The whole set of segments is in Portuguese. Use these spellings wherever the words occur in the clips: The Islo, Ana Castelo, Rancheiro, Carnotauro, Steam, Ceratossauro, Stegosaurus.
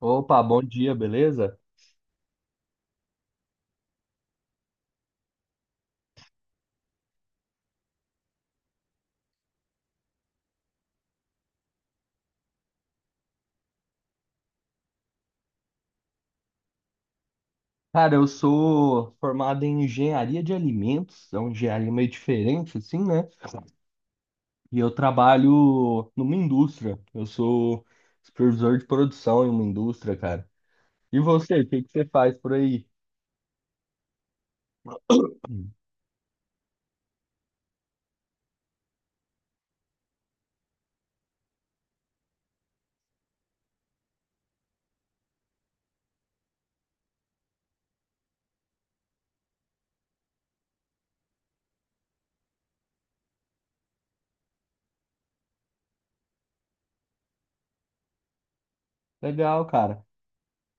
Opa, bom dia, beleza? Cara, eu sou formado em engenharia de alimentos, é uma engenharia meio diferente, assim, né? E eu trabalho numa indústria. Eu sou supervisor de produção em uma indústria, cara. E você, o que que você faz por aí? Legal, cara.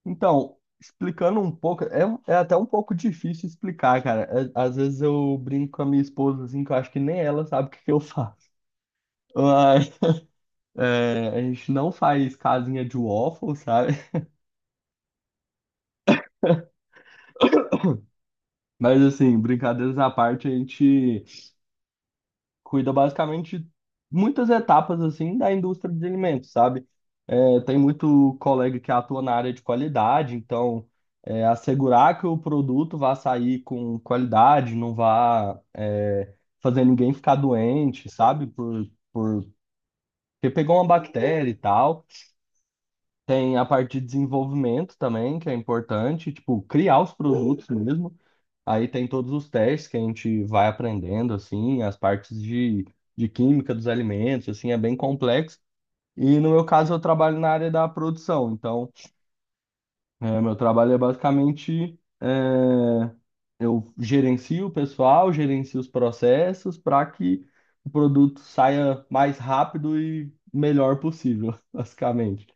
Então, explicando um pouco, é até um pouco difícil explicar, cara. É- Às vezes eu brinco com a minha esposa, assim, que eu acho que nem ela sabe o que que eu faço. Mas, é, a gente não faz casinha de waffle, sabe? Mas assim, brincadeiras à parte, a gente cuida basicamente de muitas etapas assim da indústria de alimentos, sabe? É, tem muito colega que atua na área de qualidade, então é, assegurar que o produto vá sair com qualidade, não vá fazer ninguém ficar doente, sabe? Por... Porque pegou uma bactéria e tal. Tem a parte de desenvolvimento também, que é importante, tipo, criar os produtos mesmo. Aí tem todos os testes que a gente vai aprendendo, assim, as partes de química dos alimentos, assim, é bem complexo. E no meu caso, eu trabalho na área da produção. Então, é, meu trabalho é basicamente, é, eu gerencio o pessoal, gerencio os processos para que o produto saia mais rápido e melhor possível, basicamente.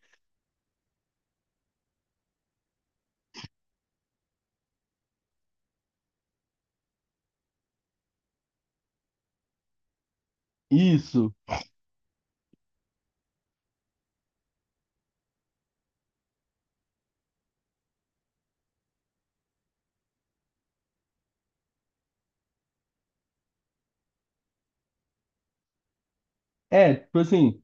Isso. É, tipo assim.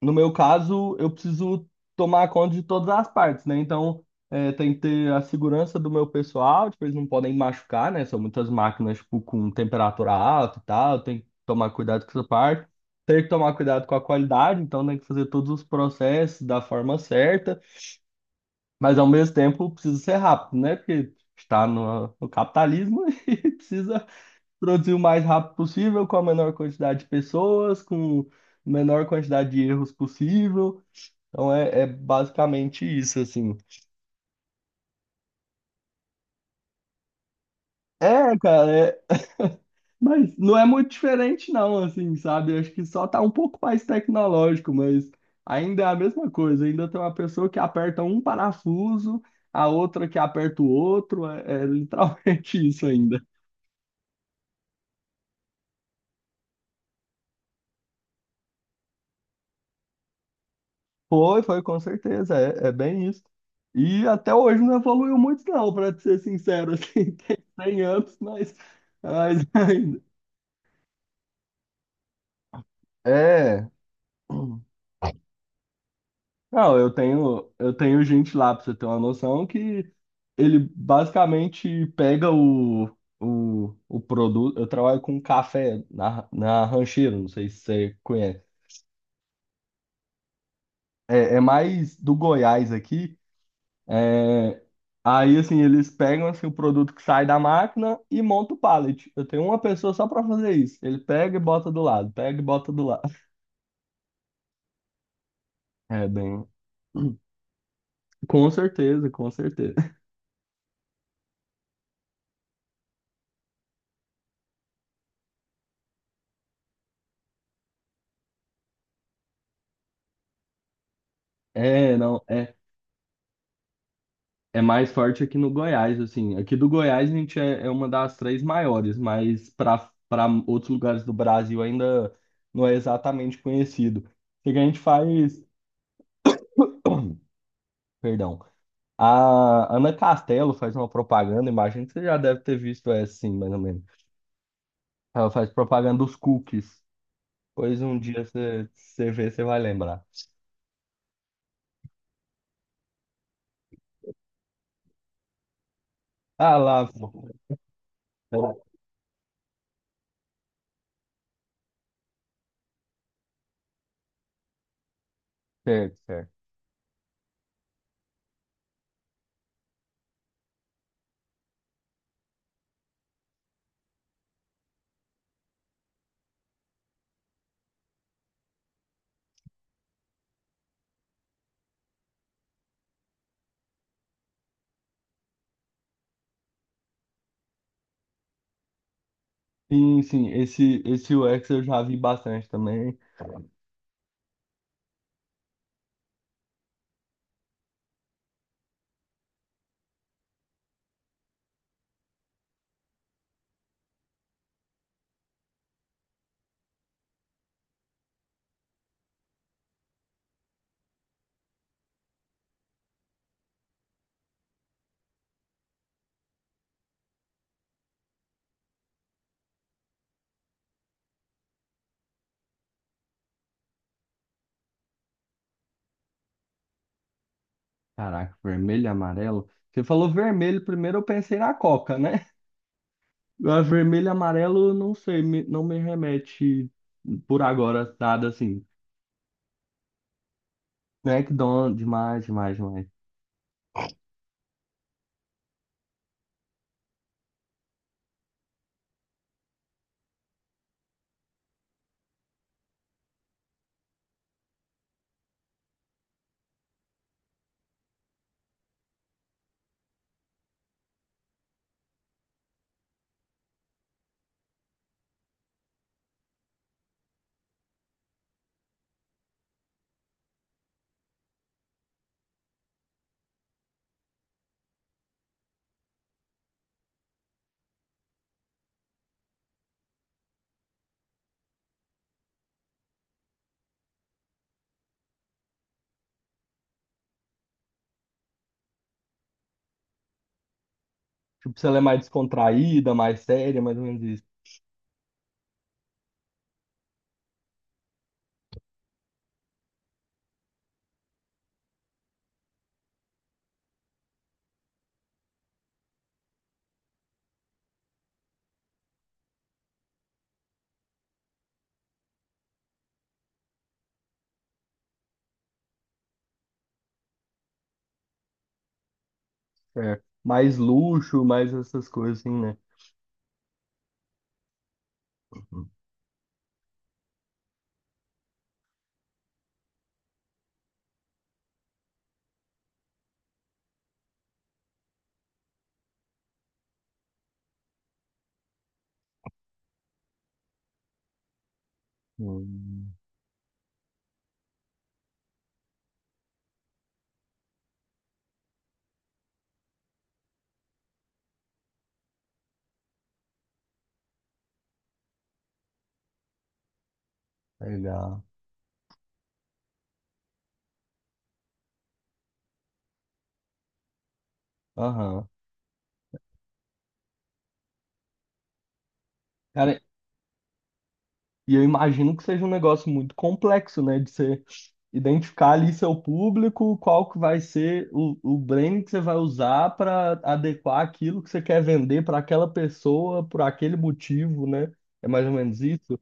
No meu caso, eu preciso tomar conta de todas as partes, né? Então, é, tem que ter a segurança do meu pessoal, tipo, eles não podem machucar, né? São muitas máquinas, tipo, com temperatura alta e tal, tem que tomar cuidado com essa parte. Tem que tomar cuidado com a qualidade, então tem que fazer todos os processos da forma certa, mas ao mesmo tempo precisa ser rápido, né? Porque está no capitalismo e precisa produzir o mais rápido possível, com a menor quantidade de pessoas, com a menor quantidade de erros possível. Então é, é basicamente isso, assim. É, cara, mas não é muito diferente, não, assim, sabe? Acho que só tá um pouco mais tecnológico, mas ainda é a mesma coisa. Ainda tem uma pessoa que aperta um parafuso, a outra que aperta o outro. É, é literalmente isso ainda. Foi, foi, com certeza. É, é bem isso. E até hoje não evoluiu muito, não, pra te ser sincero, assim, tem 100 anos, mas ainda. É. Não, eu tenho gente lá, pra você ter uma noção, que ele basicamente pega o produto. Eu trabalho com café na Rancheiro, não sei se você conhece. É, é mais do Goiás aqui. É, aí, assim, eles pegam assim, o produto que sai da máquina e monta o pallet. Eu tenho uma pessoa só pra fazer isso. Ele pega e bota do lado, pega e bota do lado. É bem. Com certeza, com certeza. É, não. É, é mais forte aqui no Goiás, assim. Aqui do Goiás a gente é, é uma das três maiores, mas para outros lugares do Brasil ainda não é exatamente conhecido. O que que a gente faz, perdão, a Ana Castelo faz uma propaganda, imagino que você já deve ter visto essa, sim, mais ou menos. Ela faz propaganda dos cookies. Pois um dia você vê, você vai lembrar. Ah lá, certo, certo. Sim, sim, esse UX eu já vi bastante também. Caraca, vermelho e amarelo. Você falou vermelho primeiro, eu pensei na Coca, né? Agora, vermelho e amarelo, não sei, não me remete por agora nada assim. McDonald's, demais, demais, demais. Tipo, se ela é mais descontraída, mais séria, mais ou menos isso. É. Mais luxo, mais essas coisas assim, né? Uhum. Hum, legal. Aham. Cara, e eu imagino que seja um negócio muito complexo, né? De você identificar ali seu público, qual que vai ser o branding que você vai usar para adequar aquilo que você quer vender para aquela pessoa, por aquele motivo, né? É mais ou menos isso.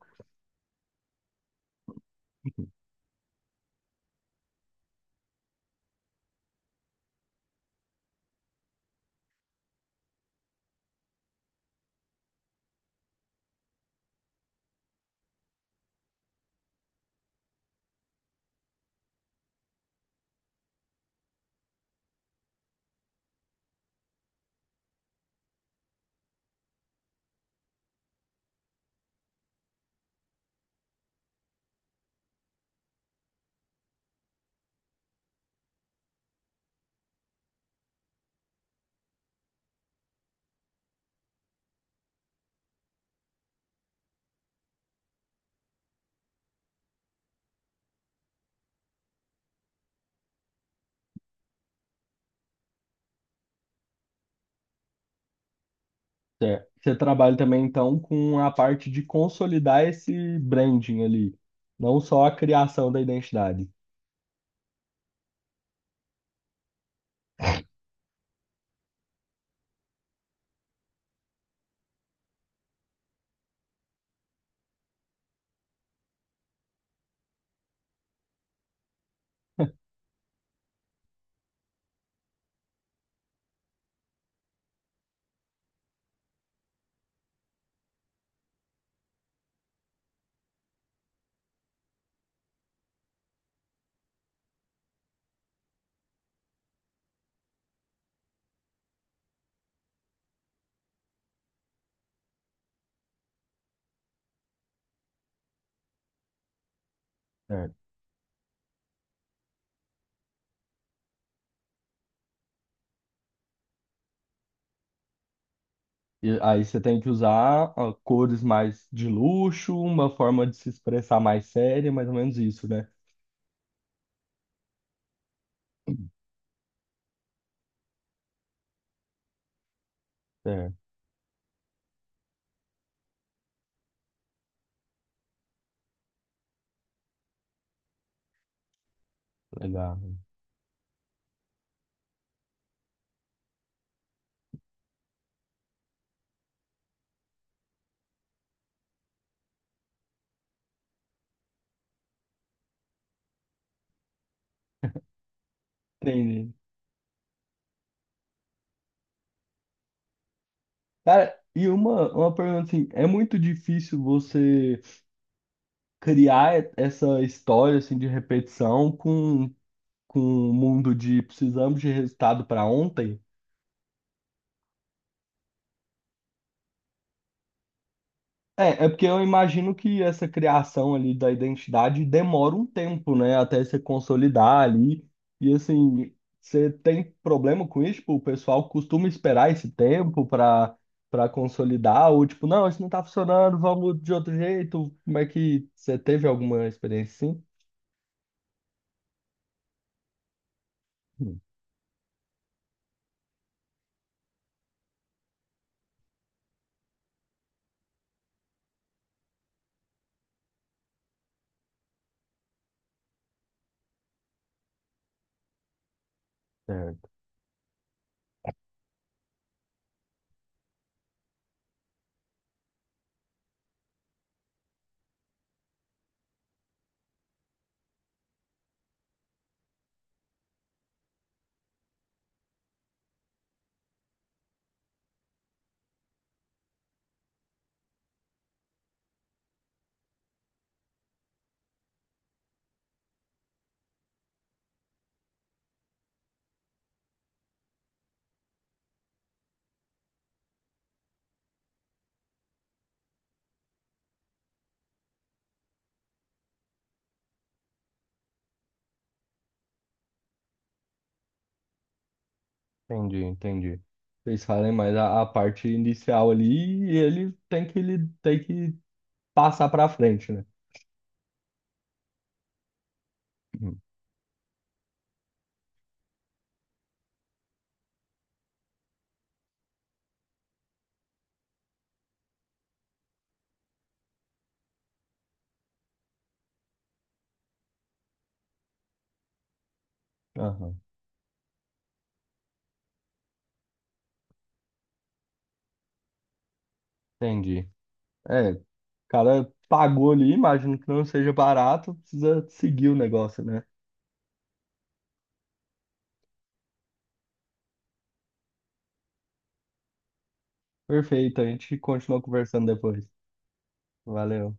É. Você trabalha também, então, com a parte de consolidar esse branding ali, não só a criação da identidade. É. E aí você tem que usar ó, cores mais de luxo, uma forma de se expressar mais séria, mais ou menos isso, né? Certo, legal. Entendi. Cara, e uma pergunta assim, é muito difícil você criar essa história assim de repetição com o mundo de precisamos de resultado para ontem? É, é porque eu imagino que essa criação ali da identidade demora um tempo, né? Até se consolidar ali. E assim, você tem problema com isso? Tipo, o pessoal costuma esperar esse tempo para consolidar? Ou tipo, não, isso não tá funcionando, vamos de outro jeito? Como é que você teve alguma experiência assim? Hum, é, entendi, entendi. Vocês falem mais a parte inicial ali e ele tem que passar para frente, né? Hum, aham, entendi. É, cara pagou ali, imagino que não seja barato, precisa seguir o negócio, né? Perfeito, a gente continua conversando depois. Valeu.